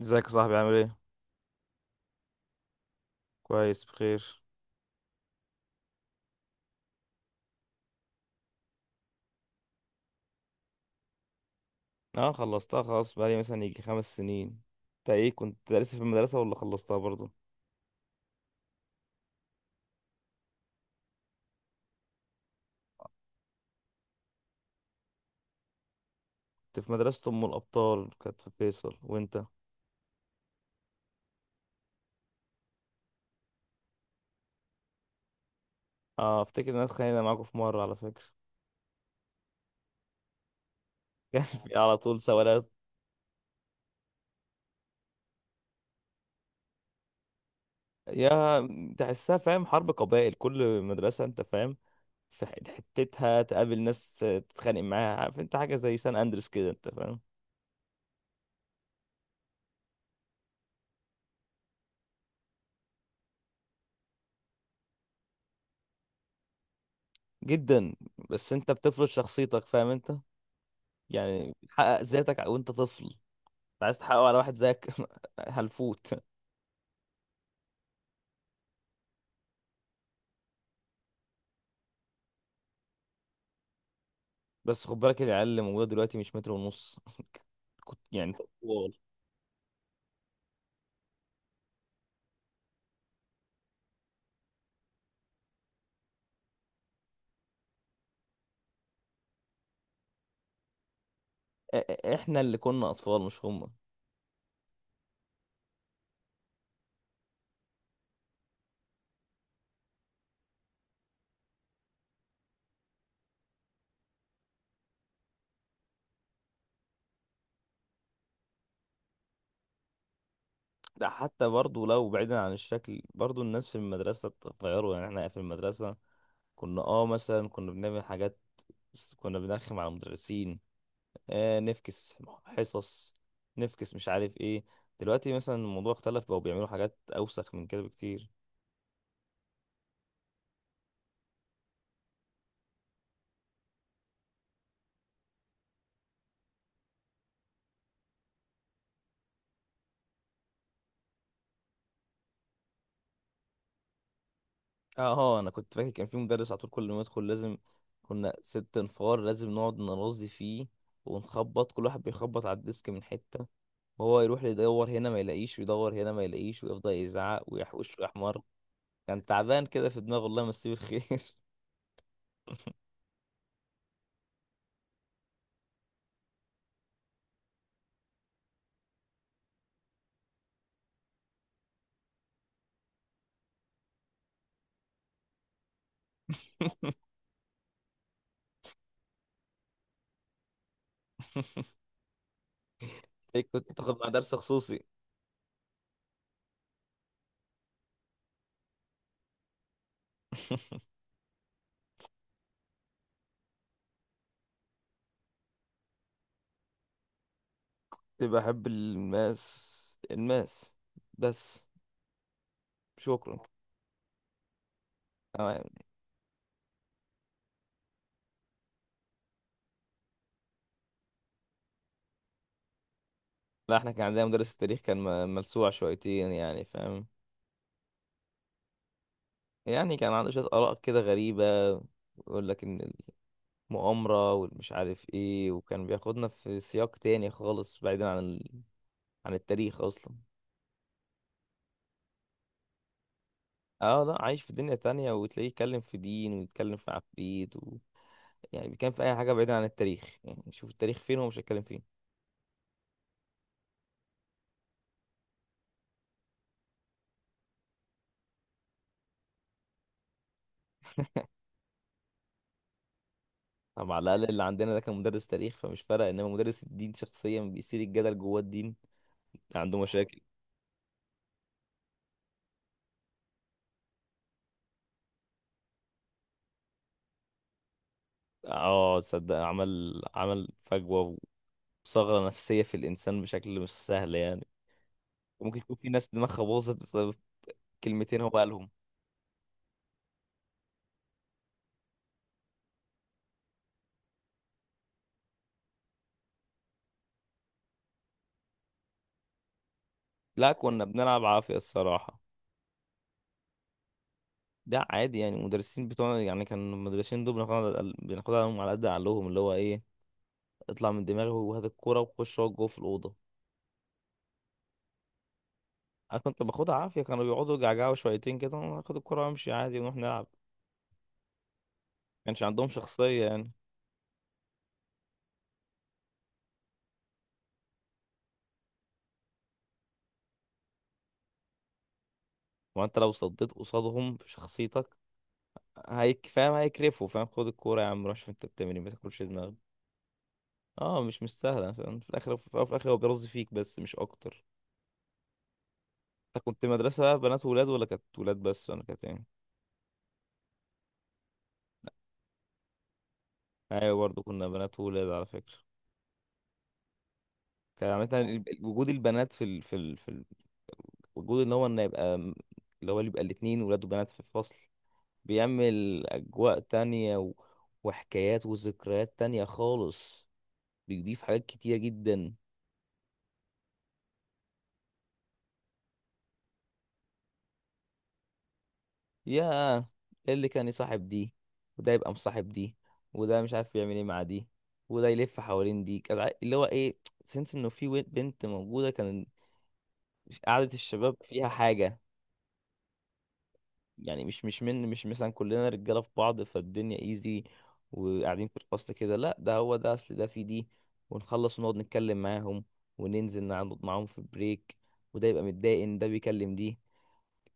ازيك يا صاحبي، عامل ايه؟ كويس، بخير. اه، خلصتها خلاص، بقالي مثلا يجي 5 سنين. انت ايه، كنت لسه في المدرسة ولا خلصتها برضو؟ كنت في مدرسة ام الابطال، كانت في فيصل، وانت؟ اه، افتكر ان انا اتخانقنا معاكم في مرة على فكرة. كان في على طول سوالات. يا تحسها، فاهم، حرب قبائل كل مدرسة، انت فاهم. في حتتها تقابل ناس تتخانق معاها، عارف انت، حاجة زي سان اندرس كده، انت فاهم. جدا. بس انت بتفرض شخصيتك، فاهم انت، يعني بتحقق ذاتك وانت طفل، عايز تحققه على واحد زيك. هلفوت. بس خد بالك، العيال اللي موجوده دلوقتي مش متر ونص. كنت يعني أطفال. احنا اللي كنا اطفال، مش هم. ده حتى برضو لو بعيدا عن الشكل، برضو الناس في المدرسه اتغيروا، يعني احنا في المدرسه كنا، مثلا كنا بنعمل حاجات، بس كنا بنرخم على المدرسين. نفكس حصص، نفكس مش عارف ايه. دلوقتي مثلا الموضوع اختلف، بقوا بيعملوا حاجات اوسخ من كده بكتير. اه، هو انا كنت فاكر كان في مدرس، على طول كل ما يدخل لازم كنا 6 انفار لازم نقعد نرازي فيه، ونخبط، كل واحد بيخبط على الديسك من حتة، وهو يروح يدور هنا ما يلاقيش، ويدور هنا ما يلاقيش، ويفضل يزعق ويحوش ويحمر. كان تعبان كده في دماغه، الله يمسيه بالخير. إيه، كنت تاخد مع درس خصوصي؟ كنت بحب الماس، الماس بس. شكرا. تمام. لا، احنا كان عندنا مدرس التاريخ، كان ملسوع شويتين يعني، فاهم. يعني كان عنده شوية آراء كده غريبة. يقول لك إن المؤامرة والمش عارف إيه، وكان بياخدنا في سياق تاني خالص، بعيدا عن عن التاريخ أصلا. اه لا، عايش في دنيا تانية، وتلاقيه يتكلم في دين، ويتكلم في عفريت و... يعني بيتكلم في أي حاجة بعيدا عن التاريخ، يعني شوف التاريخ فين، هو مش هيتكلم فين. طب على الأقل اللي عندنا ده كان مدرس تاريخ، فمش فارق، إنما مدرس الدين شخصيا بيثير الجدل جوه الدين. عنده مشاكل. اه، تصدق، عمل فجوة وثغرة نفسية في الإنسان بشكل مش سهل يعني. وممكن يكون في ناس دماغها باظت بسبب كلمتين هو قالهم. لا، كنا بنلعب عافية الصراحة. ده عادي يعني، المدرسين بتوعنا يعني، كان المدرسين دول بناخدها بناخدها عليهم على قد عقلهم، اللي هو ايه، اطلع من دماغي وهات الكورة وخش اقعد جوه في الأوضة. أنا كنت باخدها عافية، كانوا بيقعدوا يجعجعوا شويتين كده، وأنا آخد الكورة وأمشي عادي، ونروح نلعب. كانش عندهم شخصية يعني. وأنت لو صديت قصادهم بشخصيتك، هيك، فاهم، هيكرفوا، فاهم، خد الكورة يا عم، روح شوف أنت بتعمل إيه، ما تاكلش دماغك. اه، مش مستاهلة، فاهم، في الآخر، في الآخر هو بيرز فيك بس، مش أكتر. انت كنت مدرسة بنات وولاد، ولا كانت ولاد بس، ولا كانت ايه؟ ايوه، برضه كنا بنات وولاد على فكرة. كان عامة وجود البنات وجود ان هو ان اللي هو، اللي يبقى الاتنين ولاد وبنات في الفصل بيعمل اجواء تانية و... وحكايات وذكريات تانية خالص. بيضيف حاجات كتيرة جدا. يا اللي كان يصاحب دي، وده يبقى مصاحب دي، وده مش عارف بيعمل ايه مع دي، وده يلف حوالين دي. كان اللي هو ايه، سنس انه في بنت موجودة. كان مش قعدة الشباب فيها حاجة. يعني مش مش من مش مثلا كلنا رجالة في بعض، فالدنيا ايزي، وقاعدين في الفصل كده. لا، ده هو ده، اصل ده في دي، ونخلص ونقعد نتكلم معاهم، وننزل نقعد معاهم في بريك، وده يبقى متضايق ان ده بيكلم دي.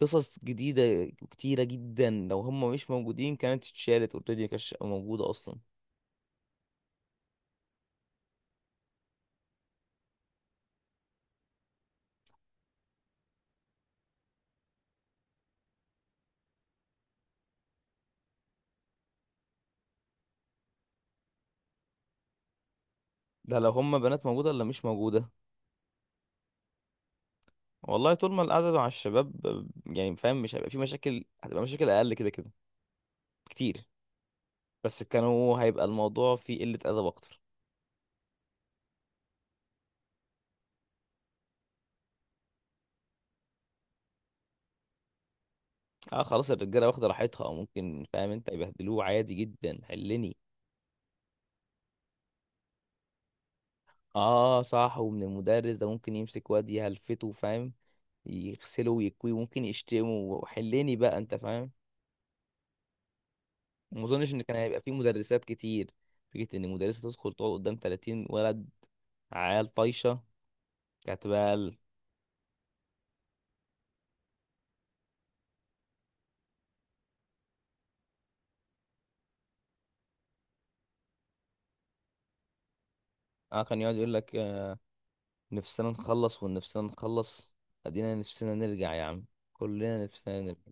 قصص جديدة كتيرة جدا، لو هم مش موجودين كانت اتشالت اوريدي، مكانتش موجودة اصلا. ده لو هم بنات موجودة ولا مش موجودة. والله طول ما القعدة مع الشباب، يعني فاهم، مش هيبقى في مشاكل، هتبقى مشاكل اقل كده كده كتير. بس كانوا هيبقى الموضوع فيه قلة أدب أكتر. اه خلاص، الرجالة واخدة راحتها ممكن، فاهم انت، يبهدلوه عادي جدا، حلني. اه صح، ومن المدرس ده ممكن يمسك واد يهلفته، فاهم، يغسله ويكويه، ممكن يشتمه وحلني بقى انت، فاهم. ما اظنش ان كان هيبقى فيه مدرسات كتير. فكرة ان مدرسة تدخل تقعد قدام 30 ولد، عيال طايشة، كانت بقى ال-. اه، كان يقعد يقول لك، نفسنا نخلص، ونفسنا نخلص، ادينا نفسنا نرجع يا عم، كلنا نفسنا نرجع.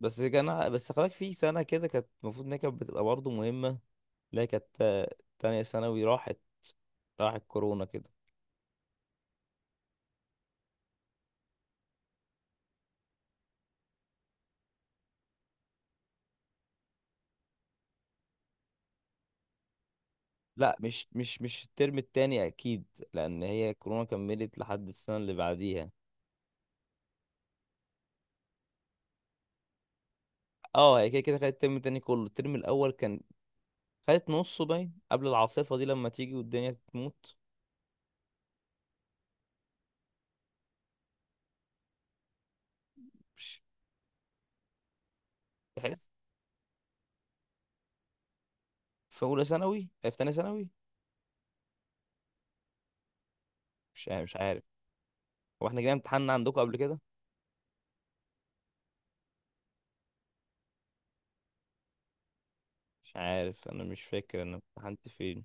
بس كان، بس خلاك في سنة كده كانت المفروض إن هي كانت بتبقى برضه مهمة. لا، كانت، تانية ثانوي راحت، راحت كورونا كده. لا، مش الترم التاني أكيد، لأن هي كورونا كملت لحد السنة اللي بعديها. اه، هي كده كده خدت الترم التاني كله. الترم الأول كان خدت نصه باين قبل العاصفة دي، لما تيجي والدنيا تموت. مش تحس في أولى ثانوي في تانية ثانوي؟ مش عارف. هو احنا جينا امتحان عندكم قبل كده؟ مش عارف، أنا مش فاكر أنا امتحنت فين.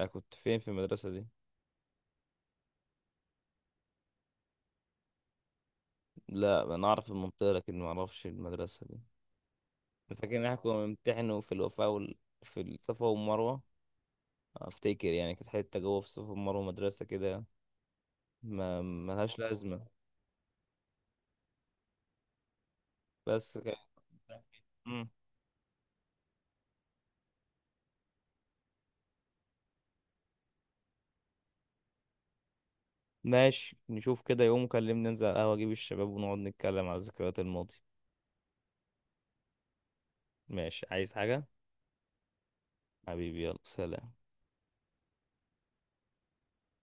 أنا كنت فين في المدرسة دي؟ لا، انا اعرف المنطقه لكن ما اعرفش المدرسه دي. أنا فاكر ان احنا كنا بنمتحنوا في الوفاء وال... في الصفا والمروه. افتكر يعني كانت حته جوه في الصفا والمروه مدرسه كده، ما ملهاش لازمه. بس كانت. مم. ماشي، نشوف كده، يوم كلمني ننزل على القهوه، اجيب الشباب ونقعد نتكلم على ذكريات الماضي. ماشي، عايز حاجه؟ حبيبي، يلا سلام.